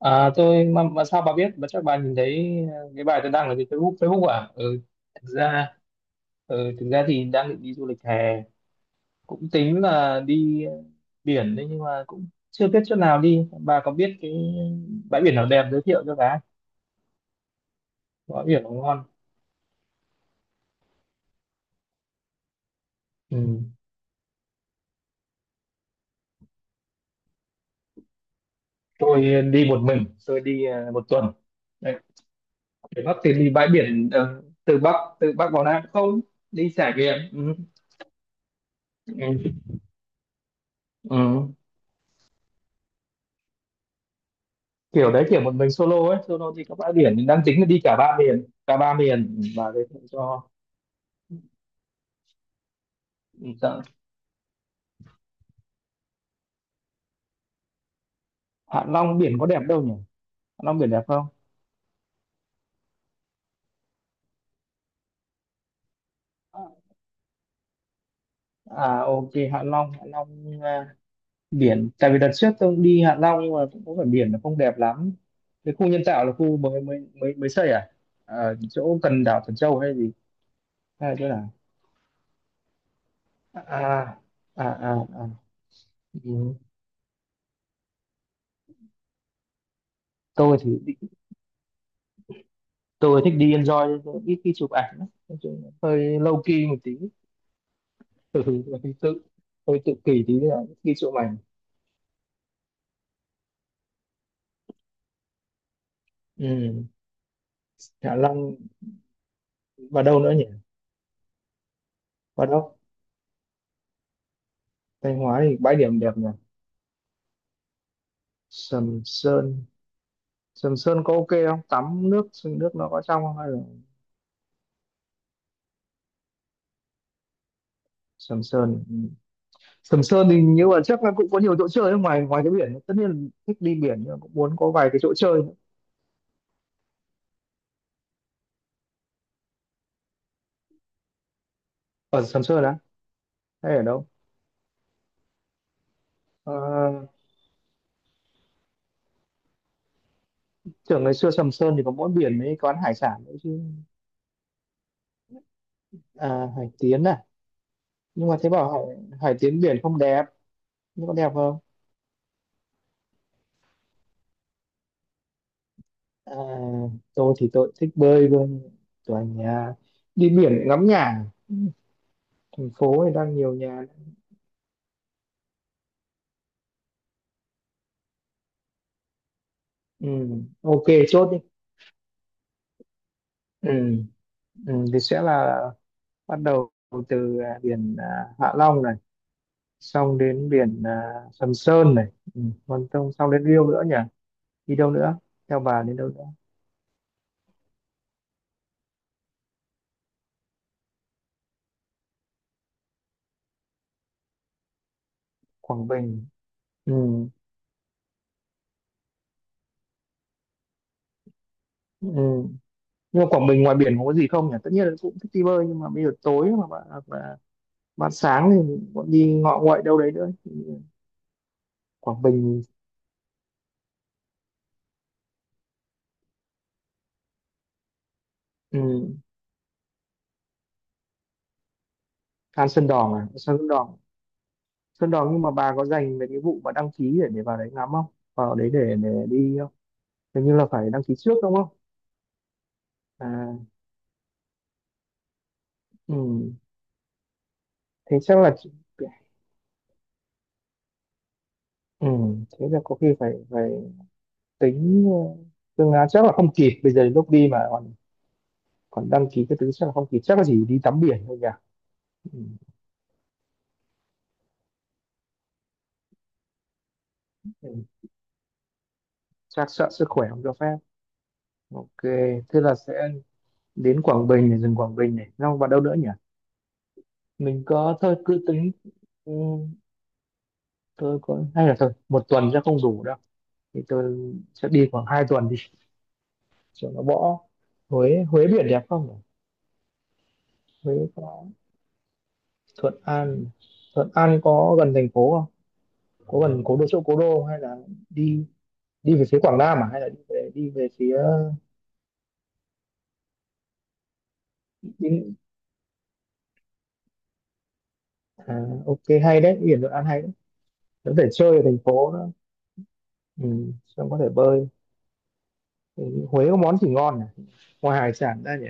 À, tôi mà sao bà biết? Mà chắc bà nhìn thấy cái bài tôi đăng ở trên Facebook Facebook à? Ừ, thực ra ừ, thực ra thì đang định đi du lịch hè, cũng tính là đi biển đấy nhưng mà cũng chưa biết chỗ nào đi. Bà có biết cái bãi biển nào đẹp giới thiệu cho bà? Bãi biển nào ngon? Ừ. Tôi đi một mình, tôi đi một tuần. Đấy, từ Bắc thì đi bãi biển, từ Bắc vào Nam không? Đi trải nghiệm. Ừ. Ừ. Ừ. Kiểu đấy, kiểu một mình solo ấy, solo đi các bãi biển, mình đang tính là đi cả ba miền, cả ba miền, và giới thiệu cho. Ừ, sợ Hạ Long biển có đẹp đâu nhỉ? Hạ Long biển đẹp không? Ok, Hạ Long, Hạ Long, à, biển, tại vì đợt trước tôi cũng đi Hạ Long nhưng mà cũng có phải biển, nó không đẹp lắm. Cái khu nhân tạo là khu mới mới mới mới xây ở chỗ gần đảo Thần Châu hay gì, hay là chỗ nào? à à à, à. Ừ. Tôi thì tôi thích đi enjoy, tôi ít khi chụp ảnh lắm. Nói chung là hơi low key một tí. Ừ, hơi tự hơi tự kỷ tí là ghi chỗ mày. Ừ. Hạ Long và đâu nữa nhỉ? Và đâu? Thanh Hóa thì bãi điểm đẹp nhỉ? Sầm Sơn, Sầm Sơn có ok không? Tắm nước, nước nó có trong không hay là Sầm Sơn? Ừ. Sầm Sơn thì như là chắc là cũng có nhiều chỗ chơi ở ngoài ngoài cái biển tất nhiên là thích đi biển, nhưng mà cũng muốn có vài cái chỗ chơi nữa. Ở Sầm Sơn á, hay ở đâu? Ờ, Tưởng ngày xưa Sầm Sơn thì có mỗi biển, mấy quán hải sản nữa chứ. À, Hải Tiến à? Nhưng mà thấy bảo Hải Tiến biển không đẹp. Nhưng có đẹp không? À, tôi thì tôi thích bơi luôn. Tòa nhà, đi biển ngắm nhà. Ừ, thành phố thì đang nhiều nhà. Ừ, ok, chốt đi. Ừ, ừ, thì sẽ là bắt đầu từ biển Hạ Long này, xong đến biển Sầm Sơn này. Ừ, còn tông xong đến Riêu nữa nhỉ? Đi đâu nữa? Theo bà đến đâu nữa? Quảng Bình. Ừ, ừ. Nhưng mà Quảng Bình ngoài biển có gì không nhỉ? Tất nhiên là cũng thích đi bơi, nhưng mà bây giờ tối mà bạn, hoặc là bạn sáng thì bọn đi ngọ nguậy đâu đấy nữa. Quảng Bình. Ừ. Than Sơn Đòn à, Sơn Đòn, Sơn Đòn. Nhưng mà bà có dành về cái vụ mà đăng ký để vào đấy ngắm không? Vào đấy để đi không? Hình như là phải đăng ký trước đúng không? À, ừ. Thế chắc là chị- Ừ. Thế là có khi phải phải tính ờ, phương án, chắc là không kịp bây giờ, đến lúc đi mà còn còn đăng ký cái thứ chắc là không kịp, chắc là chỉ đi tắm biển thôi nhỉ. Ừ. Ừ. Chắc sợ sức khỏe không cho phép. Ok, thế là sẽ đến Quảng Bình này, dừng Quảng Bình này xong vào đâu nữa nhỉ? Mình có thôi cứ tính. Ừ, tôi có, hay là thôi một tuần sẽ không đủ đâu, thì tôi sẽ đi khoảng hai tuần đi cho nó bỏ. Huế, Huế biển đẹp không nhỉ? Huế có Thuận An. Thuận An có gần thành phố không? Có gần cố đô, chỗ cố đô không? Hay là đi đi về phía Quảng Nam, à hay là đi về phía đi, à, ok, hay đấy, biển Thuận An hay đấy. Có thể chơi ở thành phố nữa. Ừ, xong có thể bơi. Ừ, Huế có món gì ngon nhỉ, ngoài hải sản ra nhỉ?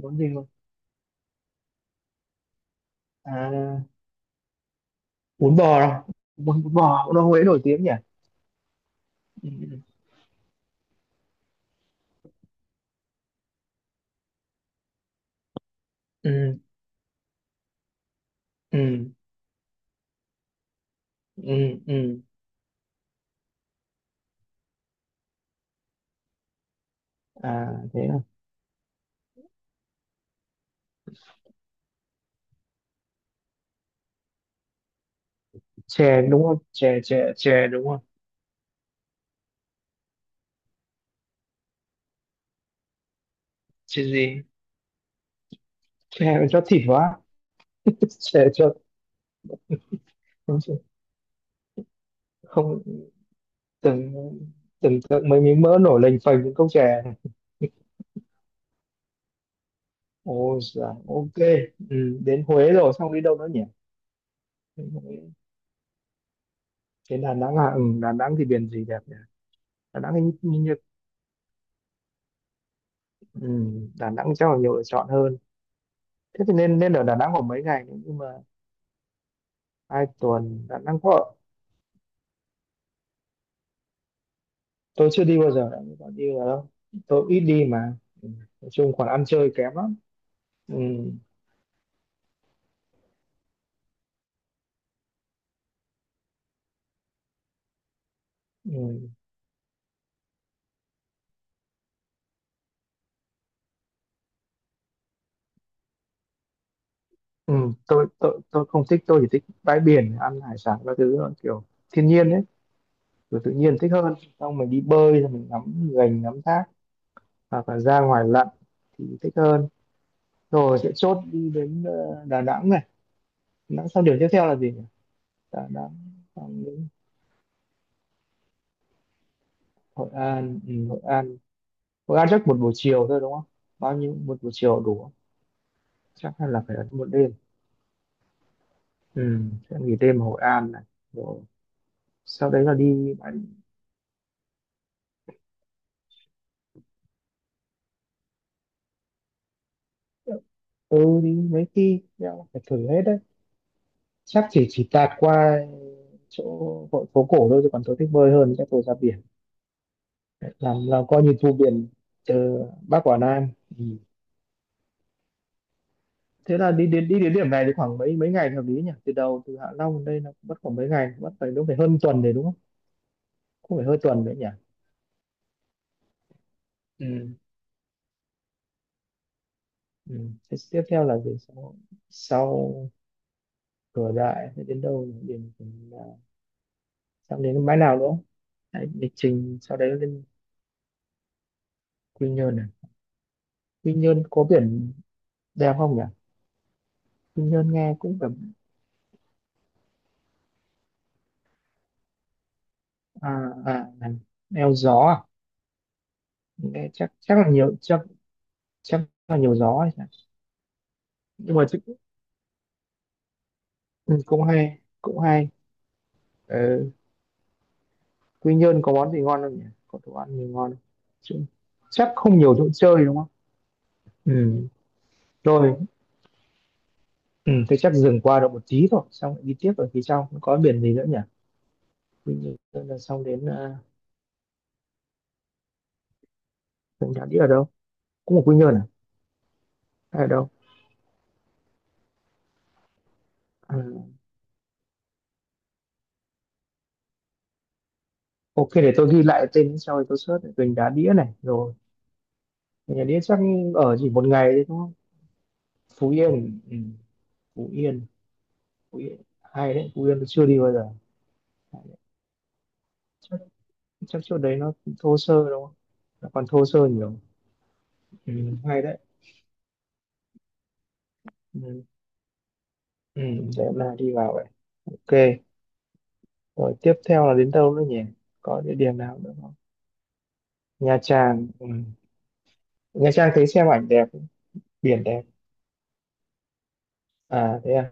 Món gì ngon? À bún bò đâu, bún bò cũng ở Huế nổi tiếng nhỉ. Ừ. Ừ. Ừ. Ừ. Ừ. À, thế à. Chè đúng không, chè chè chè đúng không? Chè gì, chè mà cho thịt quá? Chè cho không, không- tưởng, tưởng tượng mấy miếng mỡ nổi lềnh phềnh những cốc chè. Ồ, dạ, ok. Ừ, đến Huế rồi, xong đi đâu nữa nhỉ? Đến Huế. Đến Đà Nẵng à? Ừ, Đà Nẵng thì biển gì đẹp nhỉ? Đà Nẵng hình như, như, như- Ừ, Đà Nẵng chắc là nhiều lựa chọn hơn. Thế thì nên nên ở Đà Nẵng khoảng mấy ngày nữa, nhưng mà hai tuần đã đang có. Tôi chưa đi bao giờ, đã có đi vào đâu, tôi ít đi mà. Ừ. Nói chung còn ăn chơi kém lắm. Ừ. Ừ. Ừ. Tôi không thích, tôi chỉ thích bãi biển, ăn hải sản các thứ thôi, kiểu thiên nhiên ấy, kiểu tự nhiên thích hơn. Xong mình đi bơi rồi mình ngắm gành, ngắm thác, hoặc là ra ngoài lặn thì thích hơn. Rồi sẽ chốt đi đến Đà Nẵng này. Đà Nẵng xong, điểm tiếp theo là gì nhỉ? Đà Nẵng xong đến Hội An. Ừ, Hội An, Hội An chắc một buổi chiều thôi đúng không? Bao nhiêu, một buổi chiều đủ. Chắc là phải ấn một đêm, ừ, sẽ nghỉ đêm ở Hội An này. Rồi sau đấy là đi bãi. Ừ, đi mấy khi đeo phải thử hết đấy. Chắc chỉ tạt qua chỗ hội phố cổ thôi, chứ còn tôi thích bơi hơn, chắc tôi ra biển làm là coi như thu biển từ Bắc vào Nam. Ừ. Thế là đi đến điểm này thì khoảng mấy mấy ngày là hợp lý nhỉ? Từ đầu, từ Hạ Long đến đây là mất khoảng mấy ngày, mất phải đúng phải hơn tuần đấy đúng không? Không, phải hơn tuần đấy nhỉ. Ừ. Ừ. Thế tiếp theo là gì, sau sau cửa đại sẽ đến đâu, điểm điểm là sắp đến cái bãi nào nữa? Đấy, lịch trình sau đấy lên Quy Nhơn này. Quy Nhơn có biển đẹp không nhỉ? Quy Nhơn nghe cũng tầm. À, à này. Eo gió à, nghe chắc chắc là nhiều, chắc chắc là nhiều gió ấy nhỉ? Nhưng mà chứ, ừ, cũng hay, cũng hay. Ờ, Quy Nhơn có món gì ngon không nhỉ, có đồ ăn gì ngon không? Chứ, chắc không nhiều chỗ chơi đúng không? Ừ. Rồi, ừ, thế chắc dừng qua được một tí thôi, xong lại đi tiếp, ở phía sau có biển gì nữa nhỉ? Quy Nhơn là xong, đến Mình Đá Đĩa ở đâu? Cũng ở Quy Nhơn à, hay ở đâu? À, ok, để tôi ghi lại tên sau thì tôi search này. Gành Đá Đĩa này rồi. Gành Đá Đĩa chắc ở chỉ một ngày đấy đúng không? Phú Yên. Ừ. Phú Yên, Phú Yên hay đấy, Phú Yên tôi chưa đi bao giờ. Hay đấy. Chắc chắc chỗ đấy nó thô sơ đúng không, nó còn thô sơ nhiều. Ừ. Hay đấy. Ừ. Ừ. Để hôm nay đi vào vậy. Ok, rồi tiếp theo là đến đâu nữa nhỉ, có địa điểm nào nữa không? Nha Trang. Ừ. Nha Trang thấy xem ảnh đẹp, biển đẹp. À thế à.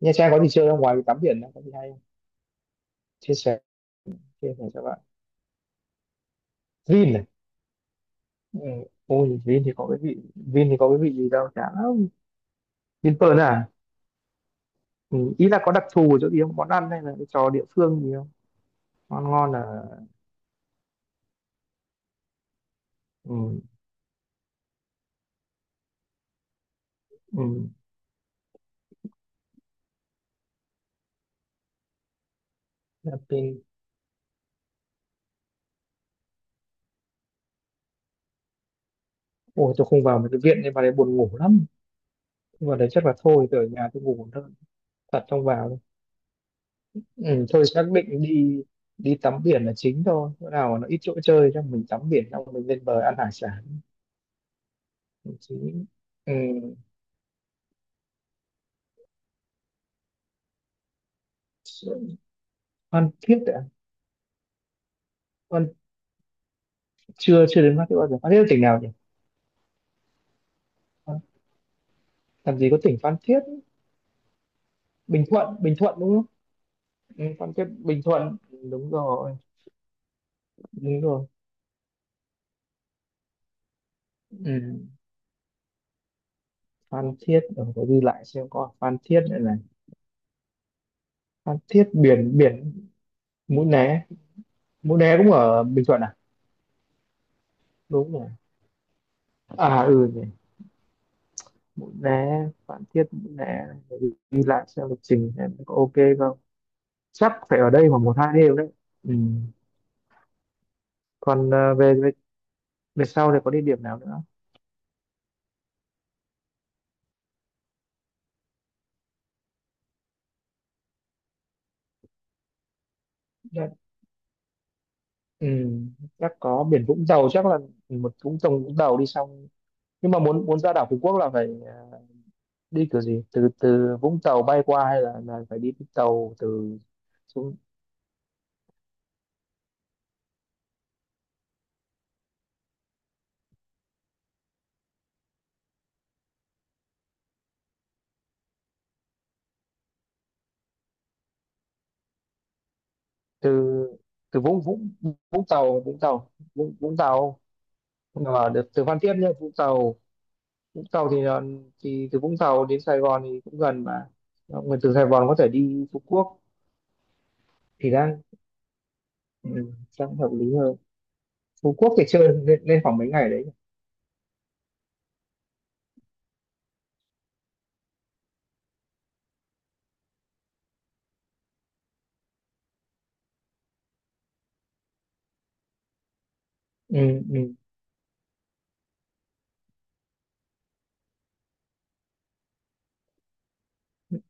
Nha Trang có gì chơi không? Ngoài tắm biển có gì hay không? Chia sẻ, cho bạn. Vin này. Ừ. Ôi Vin thì có cái vị, gì đâu chả lắm. Vinpearl à? Ừ. Ý là có đặc thù ở chỗ gì không? Món ăn hay là cái trò địa phương gì không? Ngon ngon là, ừ. Ừ. Là Vin. Ôi tôi không vào mấy cái viện nên vào đấy buồn ngủ lắm. Vào đấy chắc là thôi tôi ở nhà tôi ngủ thôi. Thật không vào đâu. Ừ. Thôi xác định đi, đi tắm biển là chính thôi. Chỗ nào mà nó ít chỗ chơi cho mình, tắm biển xong mình lên bờ ăn hải sản chí. Ừ. Phan Thiết ạ. Con chưa chưa đến Phan Thiết bao giờ. Phan Thiết là tỉnh nào nhỉ? Phan- làm gì có tỉnh Phan Thiết. Bình Thuận, Bình Thuận đúng không? Ừ, Phan Thiết Bình Thuận. Đúng rồi. Đúng rồi. Ừ. Phan Thiết ở phải ghi lại xem có ở Phan Thiết nữa này. Phan Thiết biển, biển. Mũi Né. Mũi Né cũng ở Bình Thuận à? Đúng rồi. À ừ nhỉ, Mũi Né Phan Thiết, Mũi Né phải ghi ghi lại xem lịch trình em có ok không. Chắc phải ở đây khoảng một hai đêm đấy. Ừ. Còn về, về sau thì có địa điểm nào nữa? Chắc, ừ, chắc có biển Vũng Tàu, chắc là một Vũng Tàu, Vũng Tàu đi xong. Nhưng mà muốn muốn ra đảo Phú Quốc là phải, đi kiểu gì, từ từ Vũng Tàu bay qua hay là phải đi tàu từ xuống? Từ từ Vũng Vũng Vũng Tàu, Vũng Tàu, Vũng Tàu, mà được từ Phan Thiết nhá. Vũng Tàu, Vũng Tàu thì là, thì từ Vũng Tàu đến Sài Gòn thì cũng gần mà. Mọi người từ Sài Gòn có thể đi Phú Quốc thì đang, ừ, đang hợp lý hơn. Phú Quốc thì chơi lên, lên khoảng mấy ngày đấy. Ừ. Ừ.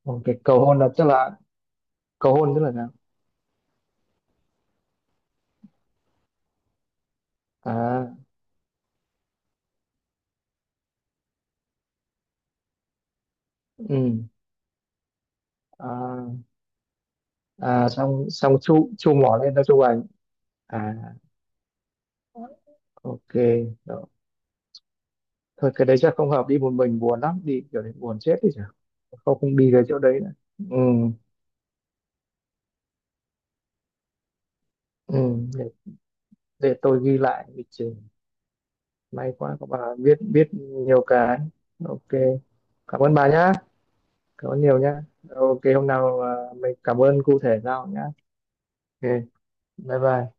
Ok, cầu hôn là tức là, cầu hôn tức là sao? À ừ. À, à xong xong chu chu mỏ lên ra chu ảnh. À, ok, đó. Thôi cái đấy chắc không hợp, đi một mình buồn lắm, đi kiểu đấy buồn chết đi chả, không không đi cái chỗ đấy nữa. Ừ. Ừ. để, để tôi ghi lại lịch trình. May quá các bà biết, nhiều cái. Ok, cảm ơn bà nhá. Cảm ơn nhiều nhá. Ok hôm nào, mình cảm ơn cụ thể sau nhá. Ok bye bye.